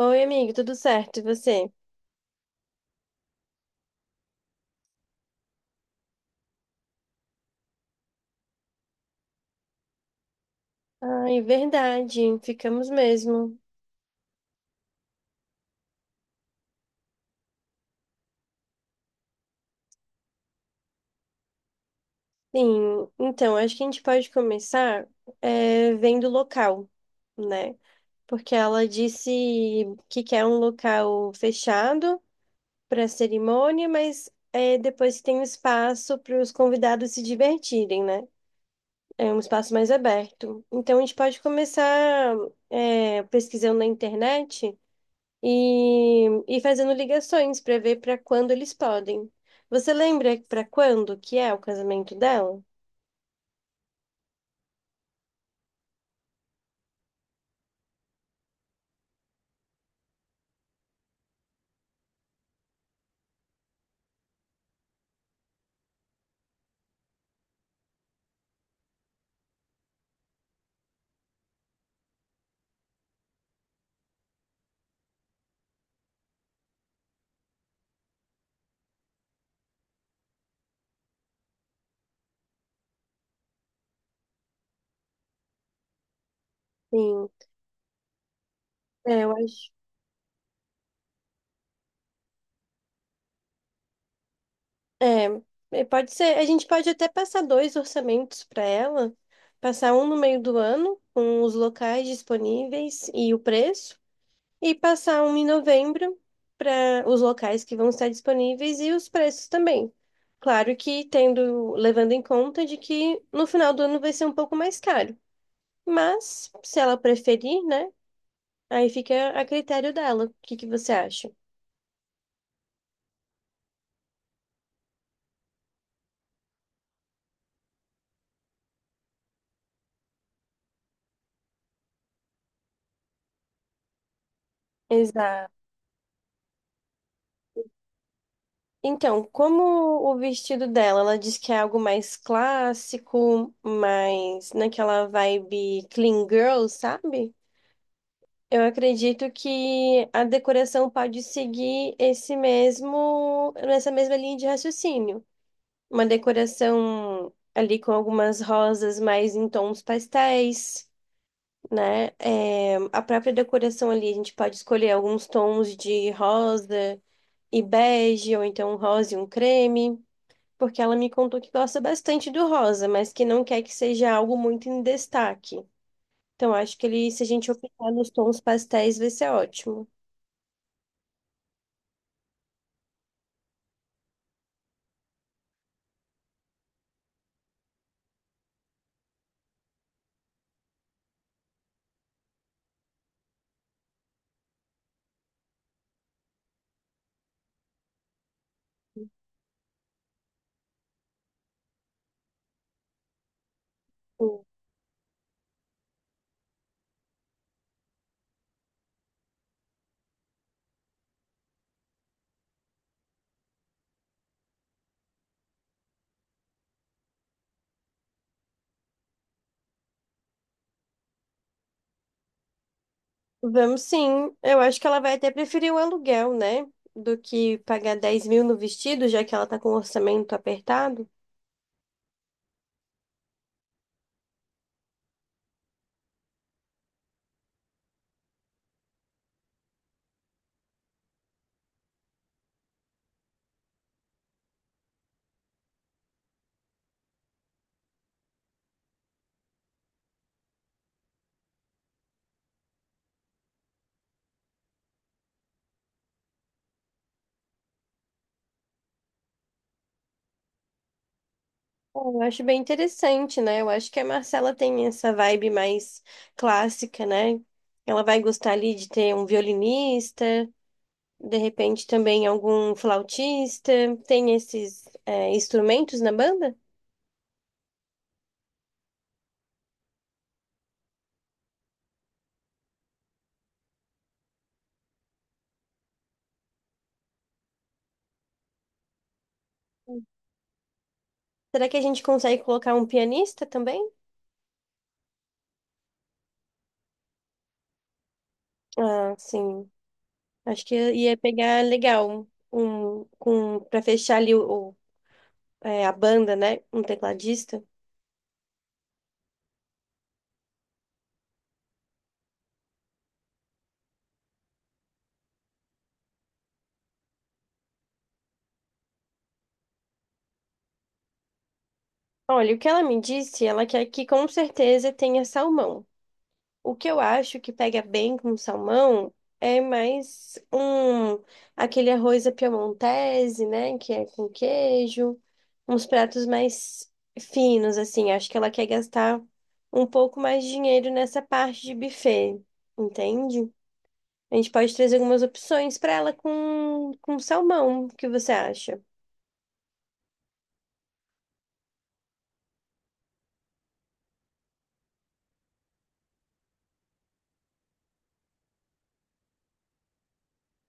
Oi, amigo, tudo certo? E você? Ai, verdade, ficamos mesmo. Sim, então, acho que a gente pode começar vendo o local, né? Porque ela disse que quer um local fechado para a cerimônia, mas depois tem um espaço para os convidados se divertirem, né? É um espaço mais aberto. Então, a gente pode começar pesquisando na internet. E fazendo ligações para ver para quando eles podem. Você lembra para quando que é o casamento dela? Sim, eu acho. É, é, pode ser. A gente pode até passar dois orçamentos para ela, passar um no meio do ano, com os locais disponíveis e o preço, e passar um em novembro para os locais que vão estar disponíveis e os preços também. Claro que tendo, levando em conta de que no final do ano vai ser um pouco mais caro. Mas, se ela preferir, né? Aí fica a critério dela. O que que você acha? Exato. Então, como o vestido dela, ela diz que é algo mais clássico, mais naquela vibe clean girl, sabe? Eu acredito que a decoração pode seguir esse mesmo, essa mesma linha de raciocínio. Uma decoração ali com algumas rosas mais em tons pastéis, né? É, a própria decoração ali, a gente pode escolher alguns tons de rosa e bege, ou então um rosa e um creme, porque ela me contou que gosta bastante do rosa, mas que não quer que seja algo muito em destaque. Então, acho que ele, se a gente optar nos tons pastéis, vai ser ótimo. Sim. Vamos sim. Eu acho que ela vai até preferir o aluguel, né? Do que pagar 10 mil no vestido, já que ela tá com o orçamento apertado. Bom, eu acho bem interessante, né? Eu acho que a Marcela tem essa vibe mais clássica, né? Ela vai gostar ali de ter um violinista, de repente também algum flautista. Tem esses, instrumentos na banda? Será que a gente consegue colocar um pianista também? Ah, sim. Acho que ia pegar legal um, com para fechar ali a banda, né? Um tecladista. Olha, o que ela me disse, ela quer que com certeza tenha salmão. O que eu acho que pega bem com salmão é mais um aquele arroz à piemontese, né, que é com queijo, uns pratos mais finos assim. Acho que ela quer gastar um pouco mais de dinheiro nessa parte de buffet, entende? A gente pode trazer algumas opções para ela com salmão. O que você acha?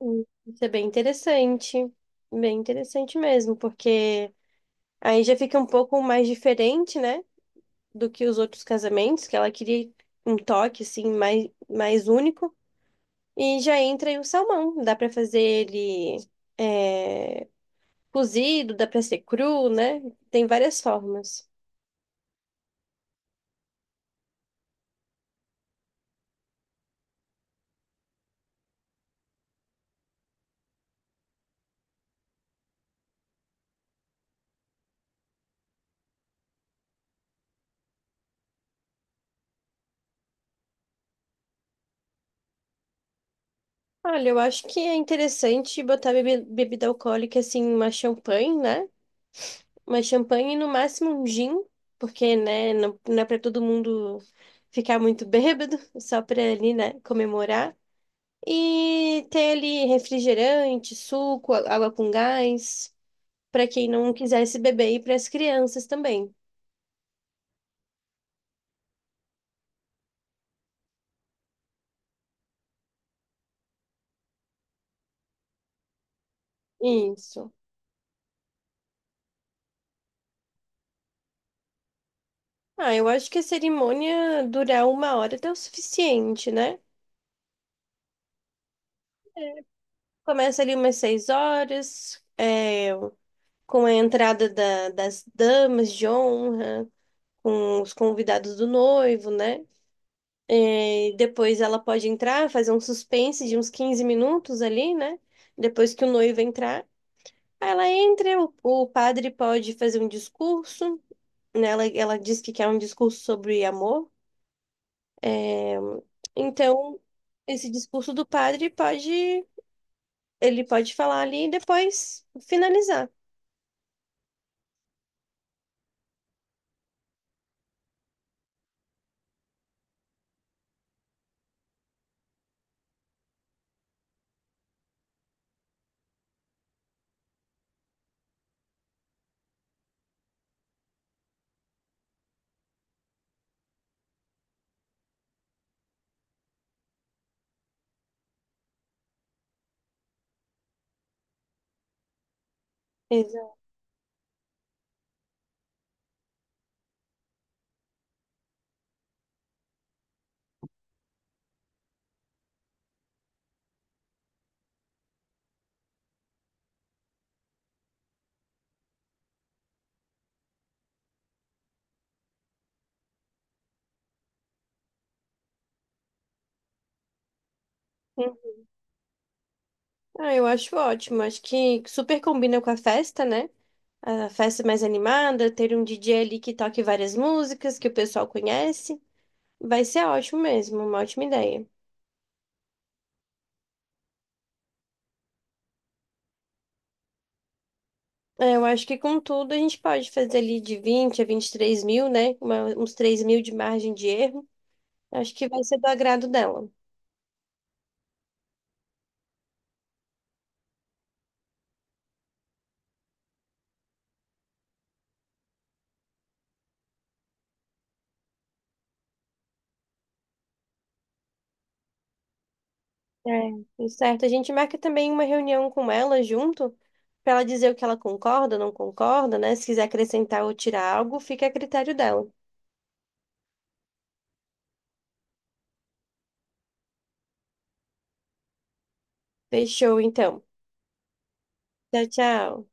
Isso é bem interessante mesmo, porque aí já fica um pouco mais diferente, né, do que os outros casamentos, que ela queria um toque assim mais único. E já entra aí o salmão. Dá para fazer ele, é, cozido, dá para ser cru, né? Tem várias formas. Olha, eu acho que é interessante botar bebida alcoólica assim, uma champanhe, né? Uma champanhe e no máximo um gin, porque, né, não é para todo mundo ficar muito bêbado, só para ali, né, comemorar. E ter ali refrigerante, suco, água com gás, para quem não quisesse beber e para as crianças também. Isso. Ah, eu acho que a cerimônia durar 1 hora até o suficiente, né? Começa ali umas 6 horas, com a entrada das damas de honra, com os convidados do noivo, né? Depois ela pode entrar, fazer um suspense de uns 15 minutos ali, né? Depois que o noivo entrar. Aí ela entra, o padre pode fazer um discurso, né? Ela diz que quer um discurso sobre amor. Então, esse discurso do padre pode, ele pode falar ali e depois finalizar. Exato. Ah, eu acho ótimo. Acho que super combina com a festa, né? A festa mais animada, ter um DJ ali que toque várias músicas que o pessoal conhece. Vai ser ótimo mesmo, uma ótima ideia. É, eu acho que com tudo a gente pode fazer ali de 20 a 23 mil, né? Uns 3 mil de margem de erro. Acho que vai ser do agrado dela. É, tudo certo. A gente marca também uma reunião com ela junto, para ela dizer o que ela concorda, não concorda, né? Se quiser acrescentar ou tirar algo, fica a critério dela. Fechou, então. Tchau, tchau.